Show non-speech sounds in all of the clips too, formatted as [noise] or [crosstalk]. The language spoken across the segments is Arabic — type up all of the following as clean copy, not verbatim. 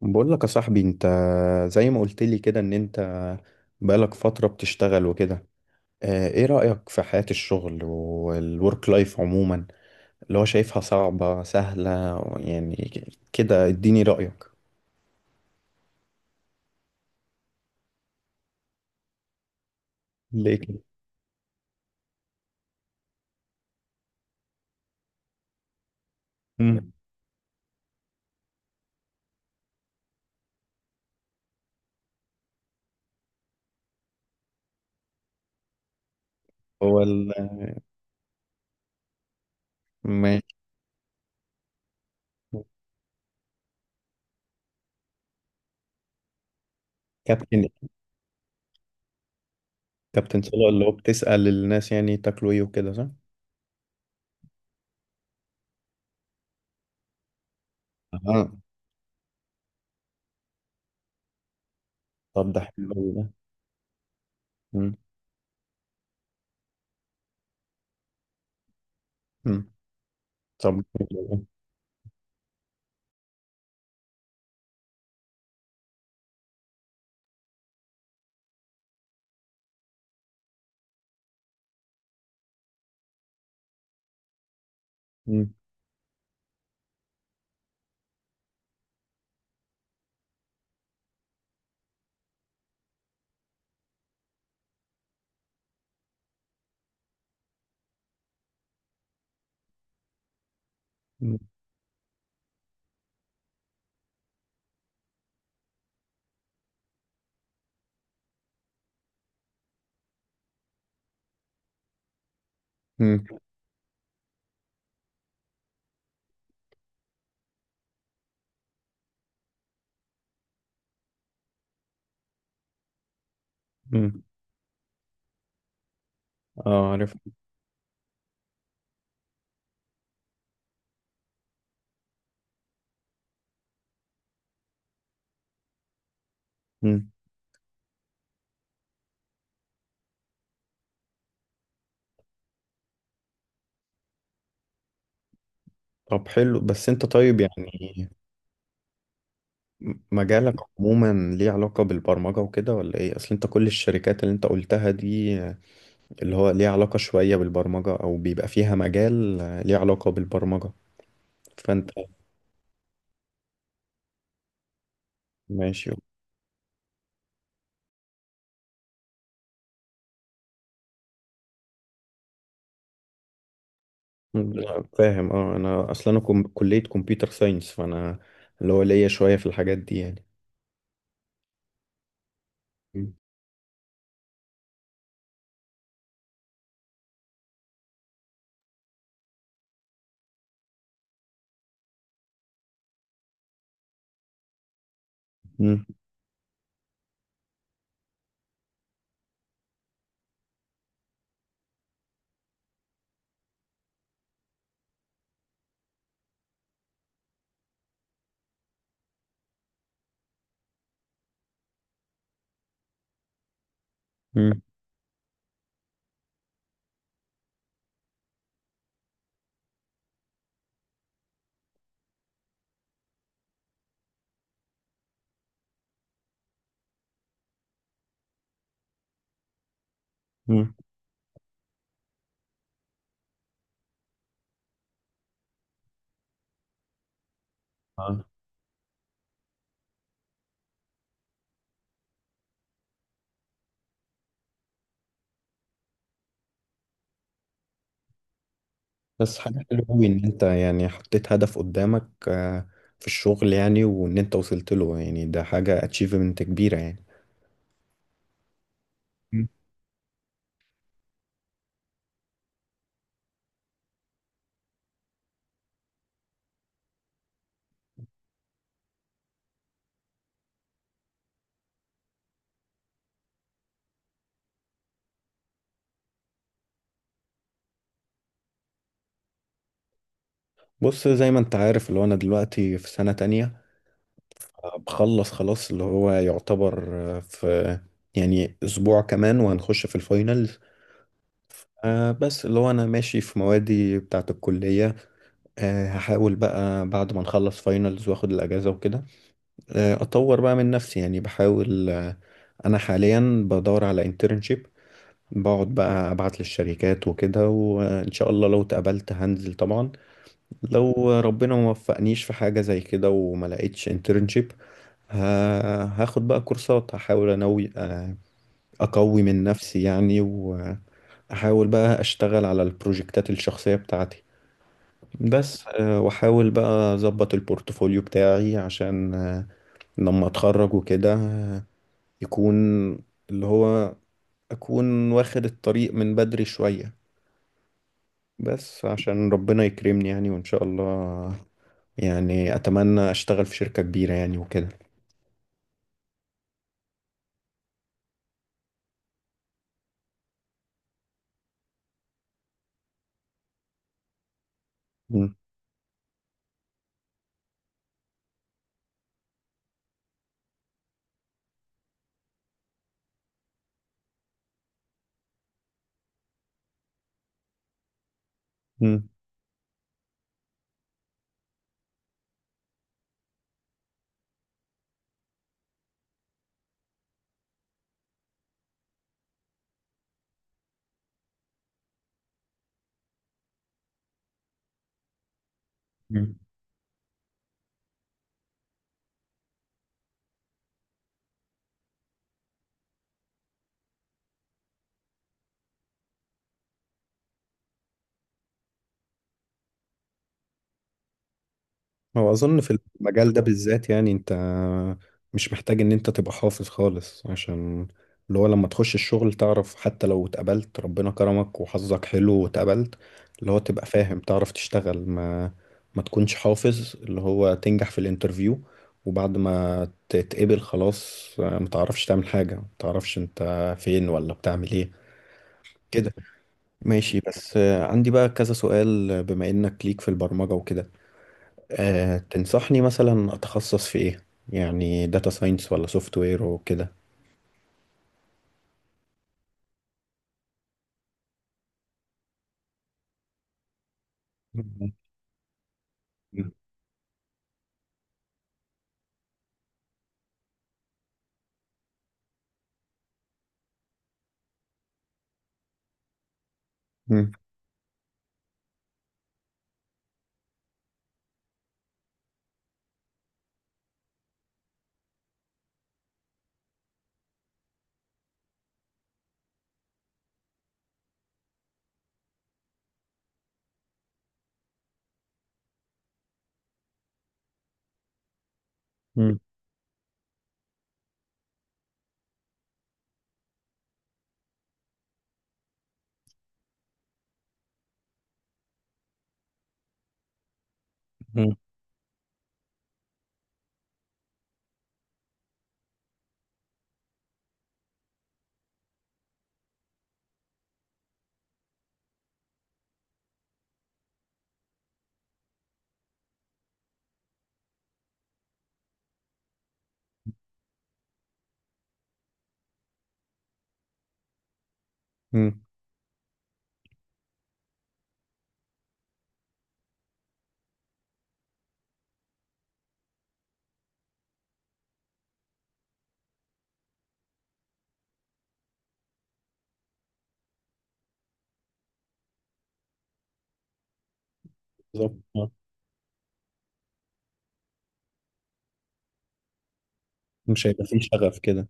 بقول لك يا صاحبي انت، زي ما قلت لي كده ان انت بقالك فترة بتشتغل وكده، اه، ايه رأيك في حياة الشغل والورك لايف عموما؟ اللي هو شايفها صعبة سهلة يعني، كده اديني رأيك. ليه كده؟ مم. هو ال- ماشي. كابتن كابتن صلاح اللي هو بتسأل الناس يعني تاكلوا ايه وكده، صح؟ اه. طب ده حلو أوي ده. مم. مم. طب. مم. مم. مم. مم. اه، عارف. طب حلو، بس انت طيب يعني مجالك عموما ليه علاقة بالبرمجة وكده ولا ايه؟ اصل انت كل الشركات اللي انت قلتها دي اللي هو ليه علاقة شوية بالبرمجة او بيبقى فيها مجال ليه علاقة بالبرمجة، فانت. ماشي. لا، فاهم. اه، انا اصلا انا كلية كمبيوتر ساينس، فانا اللي هو ليا شوية في الحاجات دي يعني. مم. مم. مم. بس حاجة حلوة أوي إن أنت يعني حطيت هدف قدامك، في الشغل يعني، وإن أنت وصلت له يعني ده حاجة أتشيفمنت كبيرة يعني. مم. بص، زي ما أنت عارف اللي هو أنا دلوقتي في سنة تانية، بخلص خلاص اللي هو يعتبر في يعني أسبوع كمان وهنخش في الفاينلز. بس اللي هو أنا ماشي في موادي بتاعة الكلية. هحاول بقى بعد ما نخلص فاينلز وآخد الأجازة وكده، أطور بقى من نفسي يعني، بحاول أنا حاليا بدور على internship. بقعد بقى ابعت للشركات وكده، وان شاء الله لو اتقبلت هنزل طبعا. لو ربنا ما وفقنيش في حاجة زي كده وما لقيتش انترنشيب، هاخد بقى كورسات، هحاول انوي اقوي من نفسي يعني، واحاول بقى اشتغل على البروجكتات الشخصية بتاعتي بس، واحاول بقى اظبط البورتفوليو بتاعي عشان لما اتخرج وكده يكون اللي هو اكون واخد الطريق من بدري شوية، بس عشان ربنا يكرمني يعني وإن شاء الله. يعني أتمنى أشتغل في شركة كبيرة يعني وكده. مم. مم. هو أظن في المجال ده بالذات يعني أنت مش محتاج إن أنت تبقى حافظ خالص، عشان اللي هو لما تخش الشغل تعرف، حتى لو اتقبلت ربنا كرمك وحظك حلو واتقبلت اللي هو تبقى فاهم، تعرف تشتغل، ما تكونش حافظ اللي هو تنجح في الانترفيو، وبعد ما تتقبل خلاص ما تعرفش تعمل حاجة، ما تعرفش أنت فين ولا بتعمل إيه كده. ماشي. بس عندي بقى كذا سؤال بما إنك ليك في البرمجة وكده، أه تنصحني مثلا أتخصص في إيه؟ يعني داتا ساينس ولا سوفت وير وكده؟ [laughs] مم. مم. مم. مم. مم. بالظبط آه. مش هيبقى فيه شغف كده.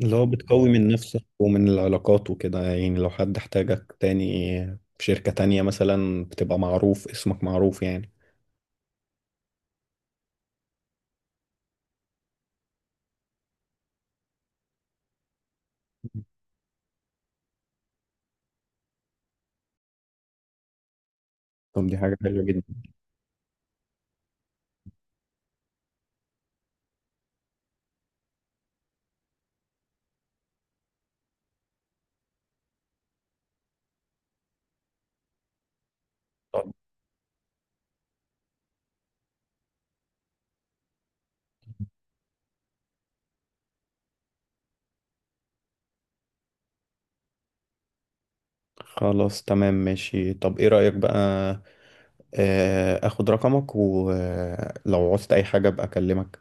اللي هو بتقوي من نفسك ومن العلاقات وكده يعني لو حد احتاجك تاني في شركة تانية مثلا بتبقى معروف، اسمك معروف يعني. مم. طب دي حاجة حلوة جدا. طب خلاص، تمام، ماشي. طب ايه رأيك بقى اخد رقمك، ولو عوزت اي حاجة ابقى اكلمك.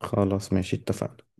خلاص، ماشي، اتفقنا.